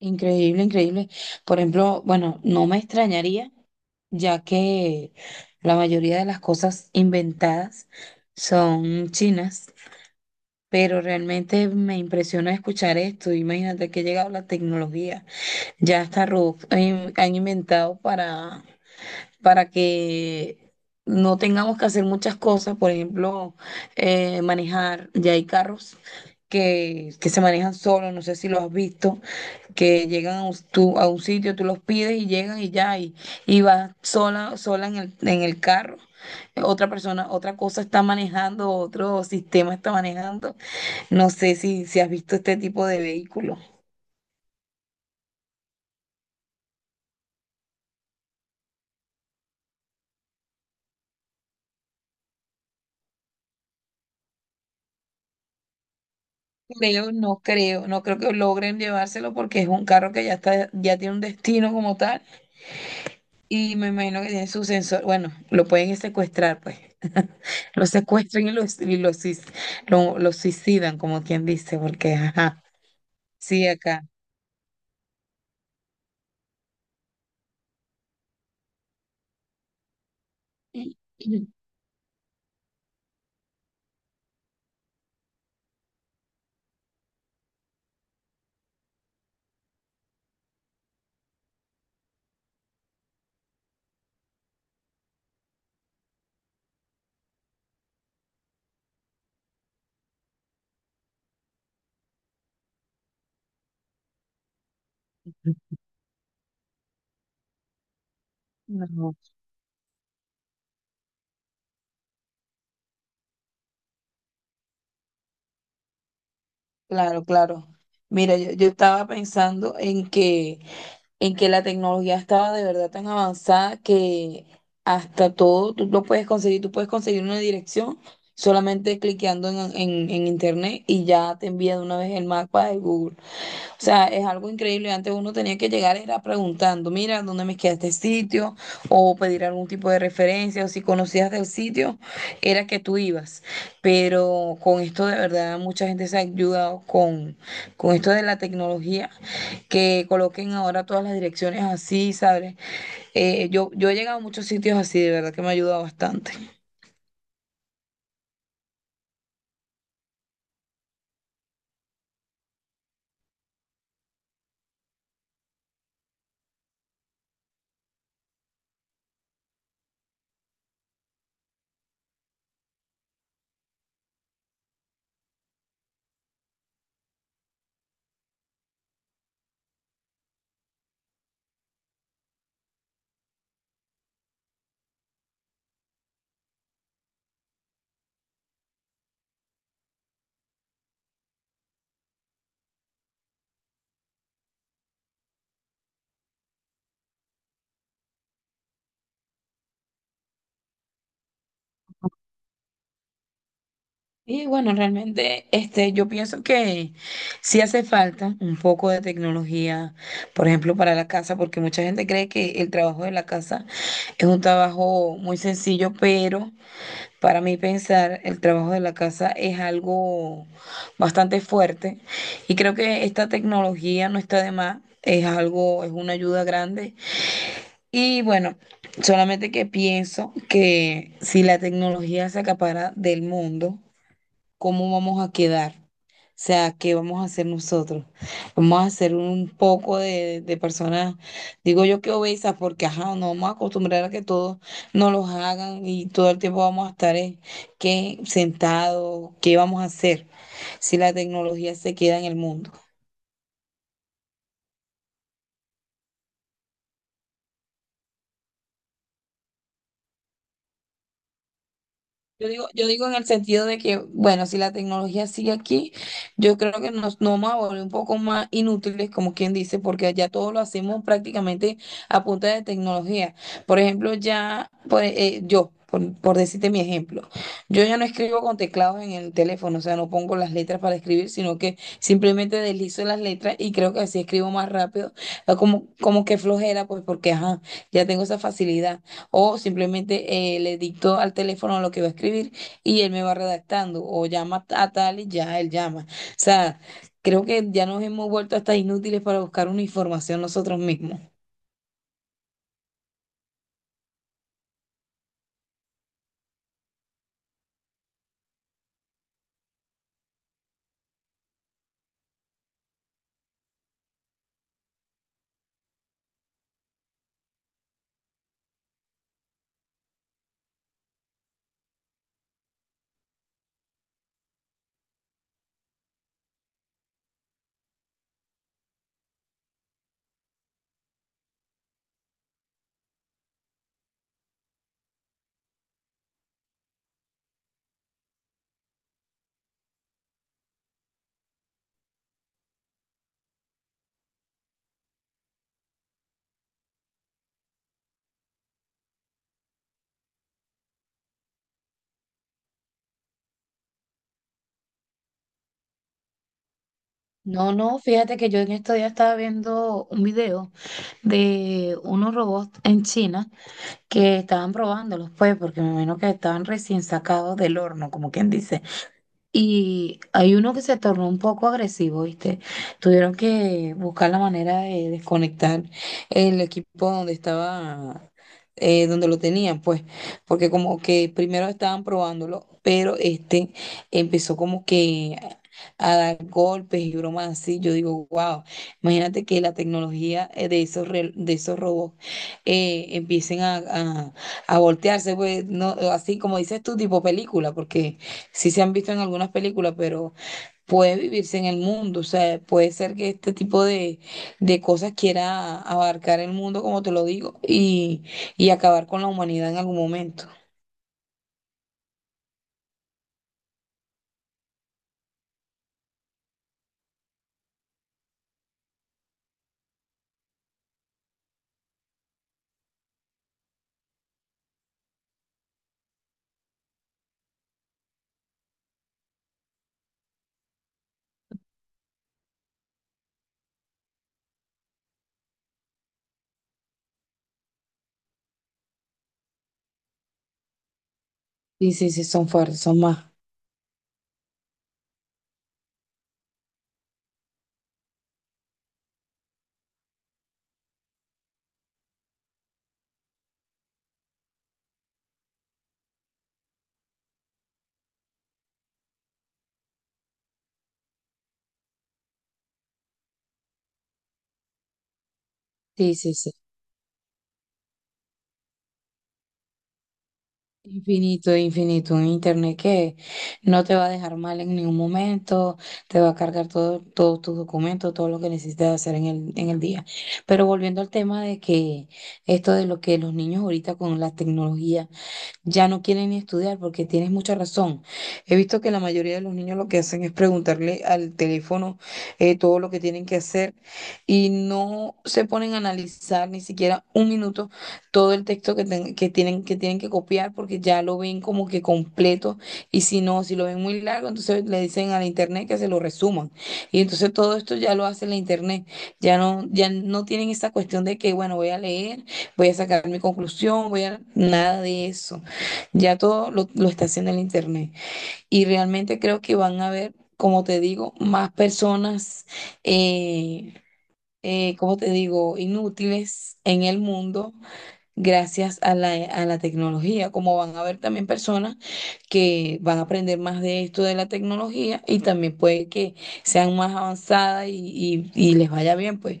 Increíble, increíble. Por ejemplo, bueno, no me extrañaría, ya que la mayoría de las cosas inventadas son chinas, pero realmente me impresiona escuchar esto. Imagínate que ha llegado la tecnología. Ya hasta robots han inventado para que no tengamos que hacer muchas cosas, por ejemplo, manejar. Ya hay carros que se manejan solos, no sé si lo has visto que llegan a a un sitio, tú los pides y llegan y ya, y vas sola, sola en en el carro. Otra persona, otra cosa está manejando, otro sistema está manejando. No sé si has visto este tipo de vehículo. Creo, no creo que logren llevárselo porque es un carro que ya está, ya tiene un destino como tal y me imagino que tiene su sensor. Bueno, lo pueden secuestrar, pues. Lo secuestran y lo suicidan, como quien dice, porque, ajá, sí, acá. No, claro, claro. Mira, yo estaba pensando en que la tecnología estaba de verdad tan avanzada que hasta todo tú lo puedes conseguir, tú puedes conseguir una dirección solamente cliqueando en internet y ya te envía de una vez el mapa de Google. O sea, es algo increíble. Antes uno tenía que llegar era preguntando, mira, ¿dónde me queda este sitio? O pedir algún tipo de referencia, o si conocías del sitio, era que tú ibas. Pero con esto de verdad mucha gente se ha ayudado con esto de la tecnología, que coloquen ahora todas las direcciones así, ¿sabes? Yo he llegado a muchos sitios así, de verdad que me ha ayudado bastante. Y bueno, realmente este, yo pienso que sí hace falta un poco de tecnología, por ejemplo, para la casa, porque mucha gente cree que el trabajo de la casa es un trabajo muy sencillo, pero para mí pensar, el trabajo de la casa es algo bastante fuerte y creo que esta tecnología no está de más, es algo, es una ayuda grande. Y bueno, solamente que pienso que si la tecnología se acapara del mundo, ¿cómo vamos a quedar? O sea, ¿qué vamos a hacer nosotros? Vamos a hacer un poco de personas, digo yo que obesas, porque ajá, nos vamos a acostumbrar a que todos nos los hagan y todo el tiempo vamos a estar que sentados, ¿qué vamos a hacer si la tecnología se queda en el mundo? Yo digo en el sentido de que, bueno, si la tecnología sigue aquí, yo creo que nos, nos vamos a volver un poco más inútiles, como quien dice, porque ya todo lo hacemos prácticamente a punta de tecnología. Por ejemplo, por decirte mi ejemplo, yo ya no escribo con teclados en el teléfono, o sea, no pongo las letras para escribir, sino que simplemente deslizo las letras y creo que así escribo más rápido, como que flojera, pues porque, ajá, ya tengo esa facilidad. O simplemente le dicto al teléfono lo que va a escribir y él me va redactando. O llama a tal y ya él llama. O sea, creo que ya nos hemos vuelto hasta inútiles para buscar una información nosotros mismos. No, no, fíjate que yo en estos días estaba viendo un video de unos robots en China que estaban probándolos, pues, porque me imagino que estaban recién sacados del horno, como quien dice. Y hay uno que se tornó un poco agresivo, ¿viste? Tuvieron que buscar la manera de desconectar el equipo donde estaba, donde lo tenían, pues, porque como que primero estaban probándolo, pero este empezó como que a dar golpes y bromas así. Yo digo, wow, imagínate que la tecnología de esos robots empiecen a voltearse, pues, no, así como dices tú, tipo película, porque sí se han visto en algunas películas, pero puede vivirse en el mundo. O sea, puede ser que este tipo de cosas quiera abarcar el mundo, como te lo digo, y acabar con la humanidad en algún momento. Sí, sí, sí, son fuertes, son más. Sí, sí, sí. Infinito, infinito. Un internet que no te va a dejar mal en ningún momento, te va a cargar todo, todos tus documentos, todo lo que necesites hacer en en el día. Pero volviendo al tema de que esto de lo que los niños ahorita con la tecnología ya no quieren ni estudiar porque tienes mucha razón. He visto que la mayoría de los niños lo que hacen es preguntarle al teléfono todo lo que tienen que hacer y no se ponen a analizar ni siquiera un minuto todo el texto que tienen que copiar porque ya lo ven como que completo y si no, si lo ven muy largo, entonces le dicen a la internet que se lo resuman. Y entonces todo esto ya lo hace la internet. Ya no, ya no tienen esa cuestión de que, bueno, voy a leer, voy a sacar mi conclusión, voy a... Nada de eso. Ya todo lo está haciendo el Internet. Y realmente creo que van a haber, como te digo, más personas, eh, como te digo, inútiles en el mundo gracias a a la tecnología. Como van a haber también personas que van a aprender más de esto de la tecnología y también puede que sean más avanzadas y, y les vaya bien, pues.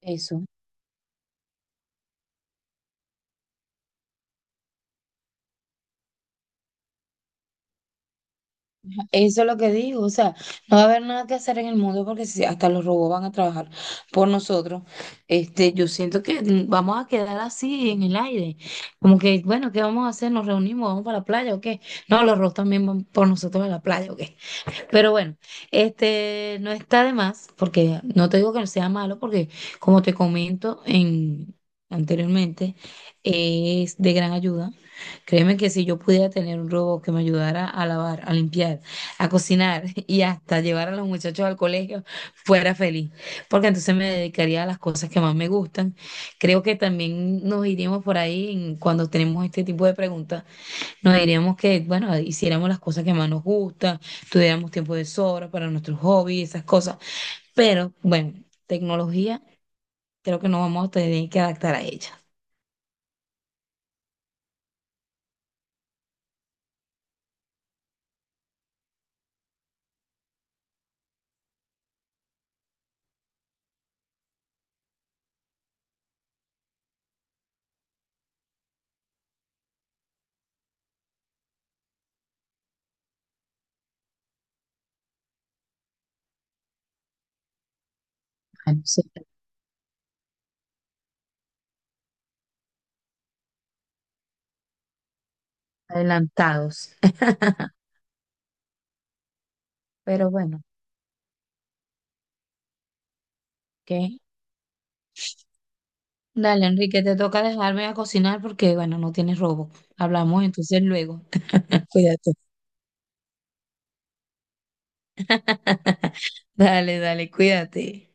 Eso. Eso es lo que digo, o sea, no va a haber nada que hacer en el mundo porque si hasta los robots van a trabajar por nosotros, este, yo siento que vamos a quedar así en el aire, como que, bueno, ¿qué vamos a hacer? ¿Nos reunimos? ¿Vamos para la playa o qué? No, los robots también van por nosotros a la playa o qué. Pero bueno, este no está de más, porque no te digo que no sea malo, porque como te comento en, anteriormente, es de gran ayuda. Créeme que si yo pudiera tener un robot que me ayudara a lavar, a limpiar, a cocinar y hasta llevar a los muchachos al colegio, fuera feliz, porque entonces me dedicaría a las cosas que más me gustan. Creo que también nos iríamos por ahí en- cuando tenemos este tipo de preguntas nos diríamos que, bueno, hiciéramos las cosas que más nos gustan, tuviéramos tiempo de sobra para nuestros hobbies, esas cosas. Pero, bueno, tecnología, creo que nos vamos a tener que adaptar a ella. Bueno, sí, adelantados. Pero bueno, ¿qué? Dale, Enrique, te toca dejarme a cocinar porque, bueno, no tienes robo. Hablamos entonces luego. Cuídate. Dale, dale, cuídate.